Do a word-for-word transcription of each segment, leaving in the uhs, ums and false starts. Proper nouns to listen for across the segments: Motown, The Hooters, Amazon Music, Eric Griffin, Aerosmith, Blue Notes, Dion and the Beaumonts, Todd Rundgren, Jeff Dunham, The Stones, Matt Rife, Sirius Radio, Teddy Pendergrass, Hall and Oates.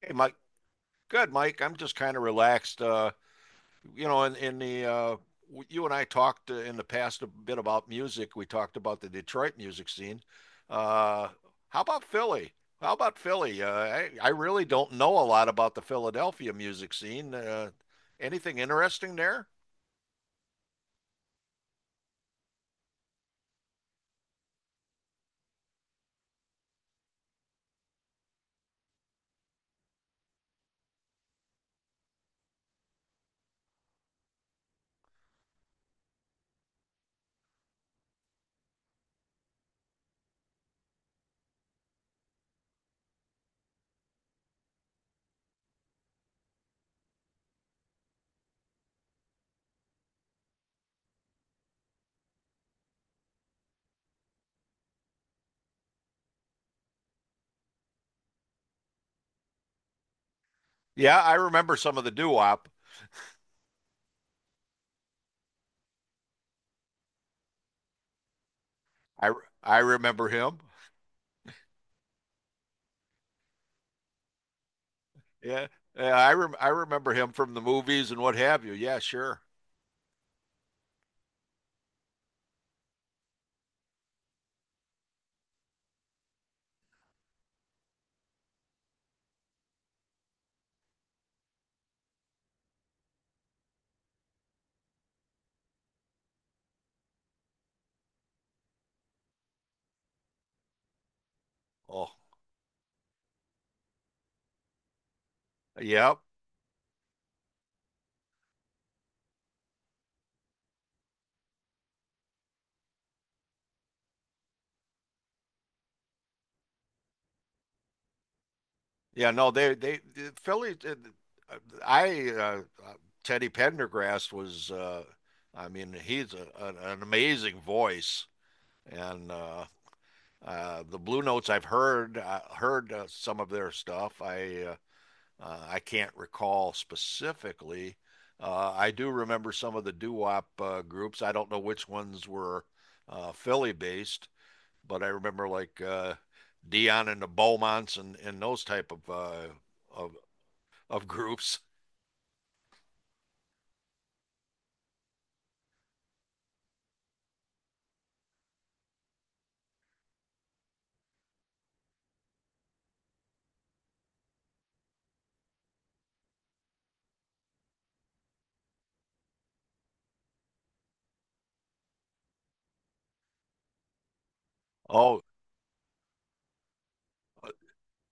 Hey, Mike. Good, Mike. I'm just kind of relaxed. Uh, you know, in, in the uh, w- you and I talked uh, in the past a bit about music. We talked about the Detroit music scene. Uh, how about Philly? How about Philly? Uh, I, I really don't know a lot about the Philadelphia music scene. Uh, anything interesting there? Yeah, I remember some of the doo-wop. I I remember him. Yeah, yeah, I rem I remember him from the movies and what have you. Yeah, sure. Oh, yeah. Yeah, no, they they the Philly. Uh, I uh, uh, Teddy Pendergrass was. Uh, I mean, he's a, an, an amazing voice, and uh, uh, the Blue Notes. I've heard I heard uh, some of their stuff. I uh, uh, I can't recall specifically. Uh, I do remember some of the doo-wop uh, groups. I don't know which ones were uh, Philly based, but I remember like uh, Dion and the Beaumonts, and, and those type of uh, of of groups. Oh,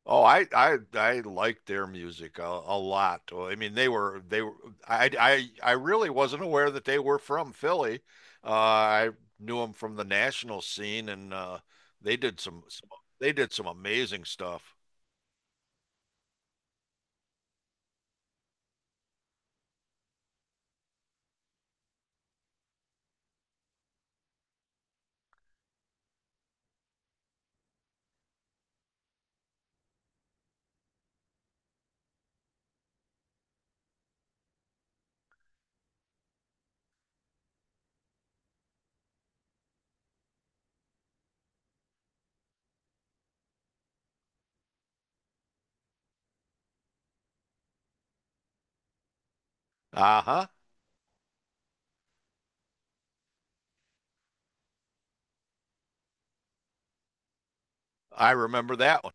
oh, I I I liked their music a, a lot. Well, I mean, they were they were I I I really wasn't aware that they were from Philly. Uh, I knew them from the national scene, and uh, they did some, some they did some amazing stuff. Uh-huh. I remember that one.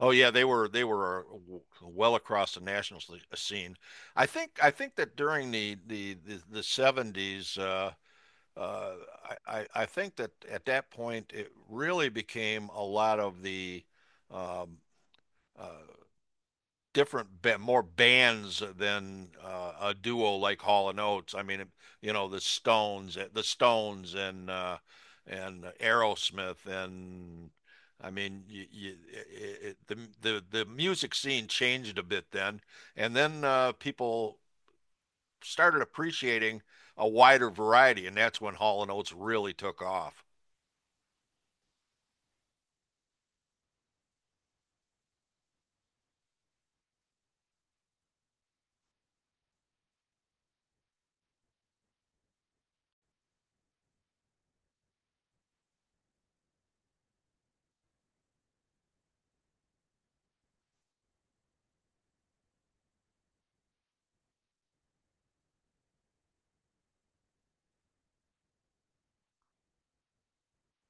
Oh yeah, they were they were uh, well across the national scene. I think I think that during the the the, the seventies uh uh, I, I think that at that point it really became a lot of the um, uh, different more bands than uh, a duo like Hall and Oates. I mean, you know, the Stones, eh, the Stones, and uh, and Aerosmith, and I mean, you, you, it, it, the the the music scene changed a bit then, and then uh, people started appreciating a wider variety, and that's when Hall and Oates really took off.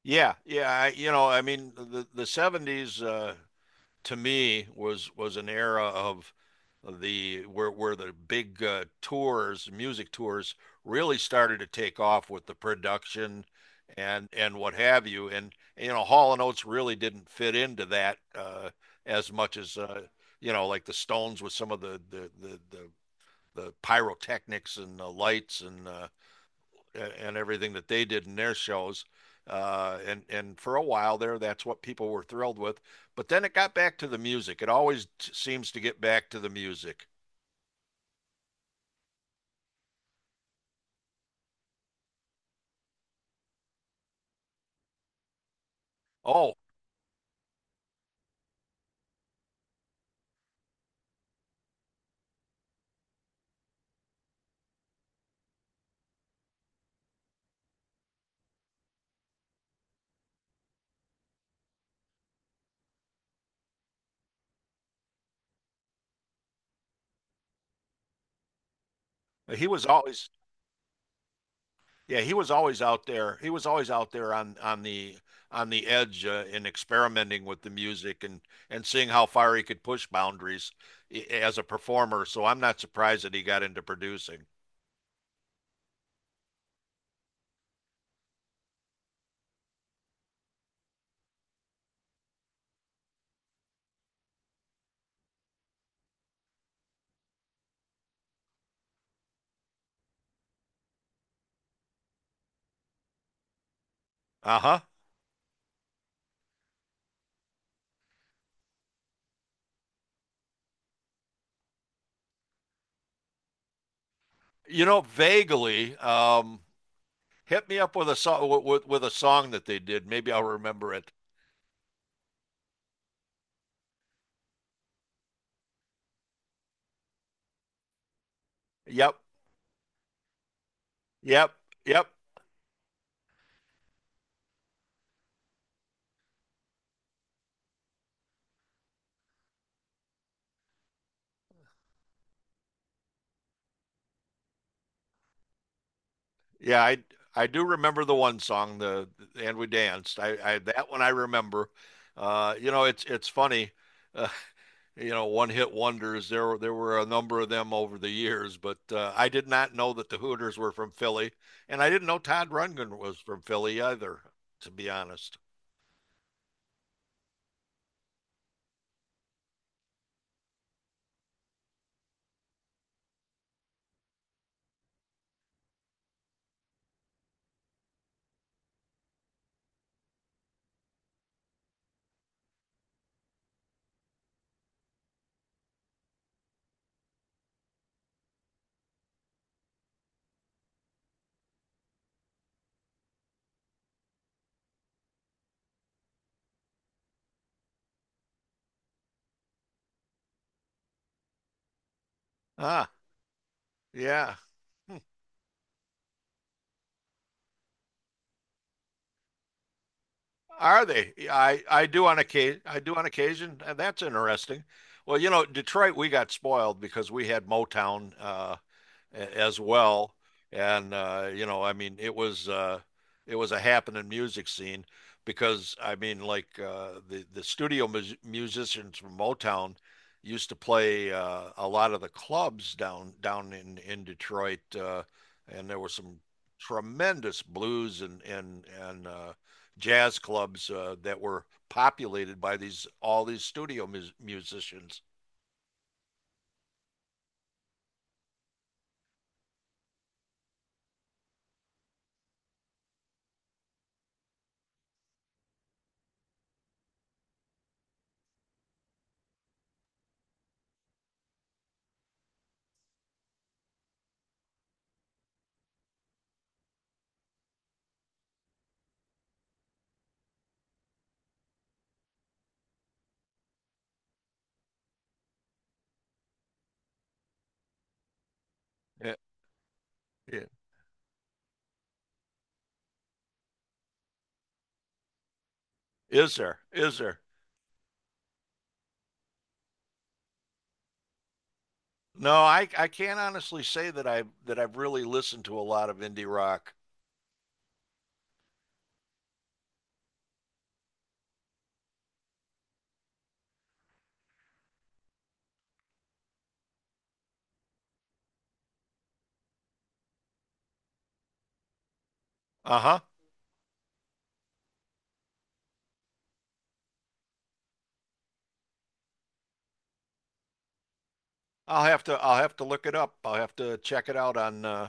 Yeah, yeah, I, you know, I mean, the the seventies uh to me was was an era of the where where the big uh, tours, music tours really started to take off with the production and and what have you. And you know, Hall and Oates really didn't fit into that uh as much as uh you know, like the Stones with some of the the the the, the pyrotechnics and the lights and uh and, and everything that they did in their shows. Uh, and and for a while there, that's what people were thrilled with. But then it got back to the music. It always t- seems to get back to the music. Oh, he was always Yeah, he was always out there. He was always out there on on the on the edge uh, in experimenting with the music and and seeing how far he could push boundaries as a performer. So I'm not surprised that he got into producing. Uh-huh. You know, vaguely. um, Hit me up with a song with, with, a song that they did. Maybe I'll remember it. Yep, yep, yep. Yeah, I I do remember the one song, the and we danced. I, I, that one I remember. Uh, you know, it's it's funny. Uh, you know, one hit wonders. There there were a number of them over the years, but uh, I did not know that the Hooters were from Philly, and I didn't know Todd Rundgren was from Philly either. To be honest. Ah, yeah. Are they? I I do on occasion. I do on occasion, and that's interesting. Well, you know, Detroit, we got spoiled because we had Motown. Uh, as well. And uh, you know, I mean, it was uh, it was a happening music scene because I mean, like uh, the the studio mus musicians from Motown used to play uh, a lot of the clubs down down in in Detroit, uh, and there were some tremendous blues and and and uh, jazz clubs uh, that were populated by these all these studio mus musicians. Yeah. Yeah. Is there? Is there? No, I I can't honestly say that I that I've really listened to a lot of indie rock. Uh-huh. I'll have to I'll have to look it up. I'll have to check it out on uh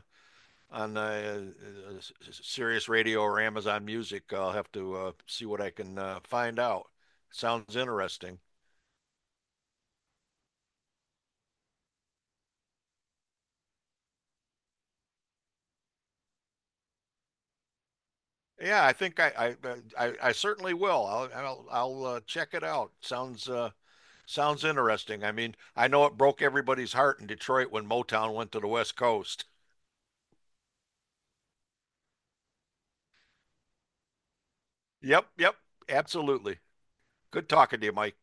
on uh, uh, Sirius Radio or Amazon Music. I'll have to uh see what I can uh find out. Sounds interesting. Yeah, I think I I I, I certainly will. I'll I'll I'll uh, check it out. Sounds uh sounds interesting. I mean, I know it broke everybody's heart in Detroit when Motown went to the West Coast. Yep, yep, absolutely. Good talking to you, Mike.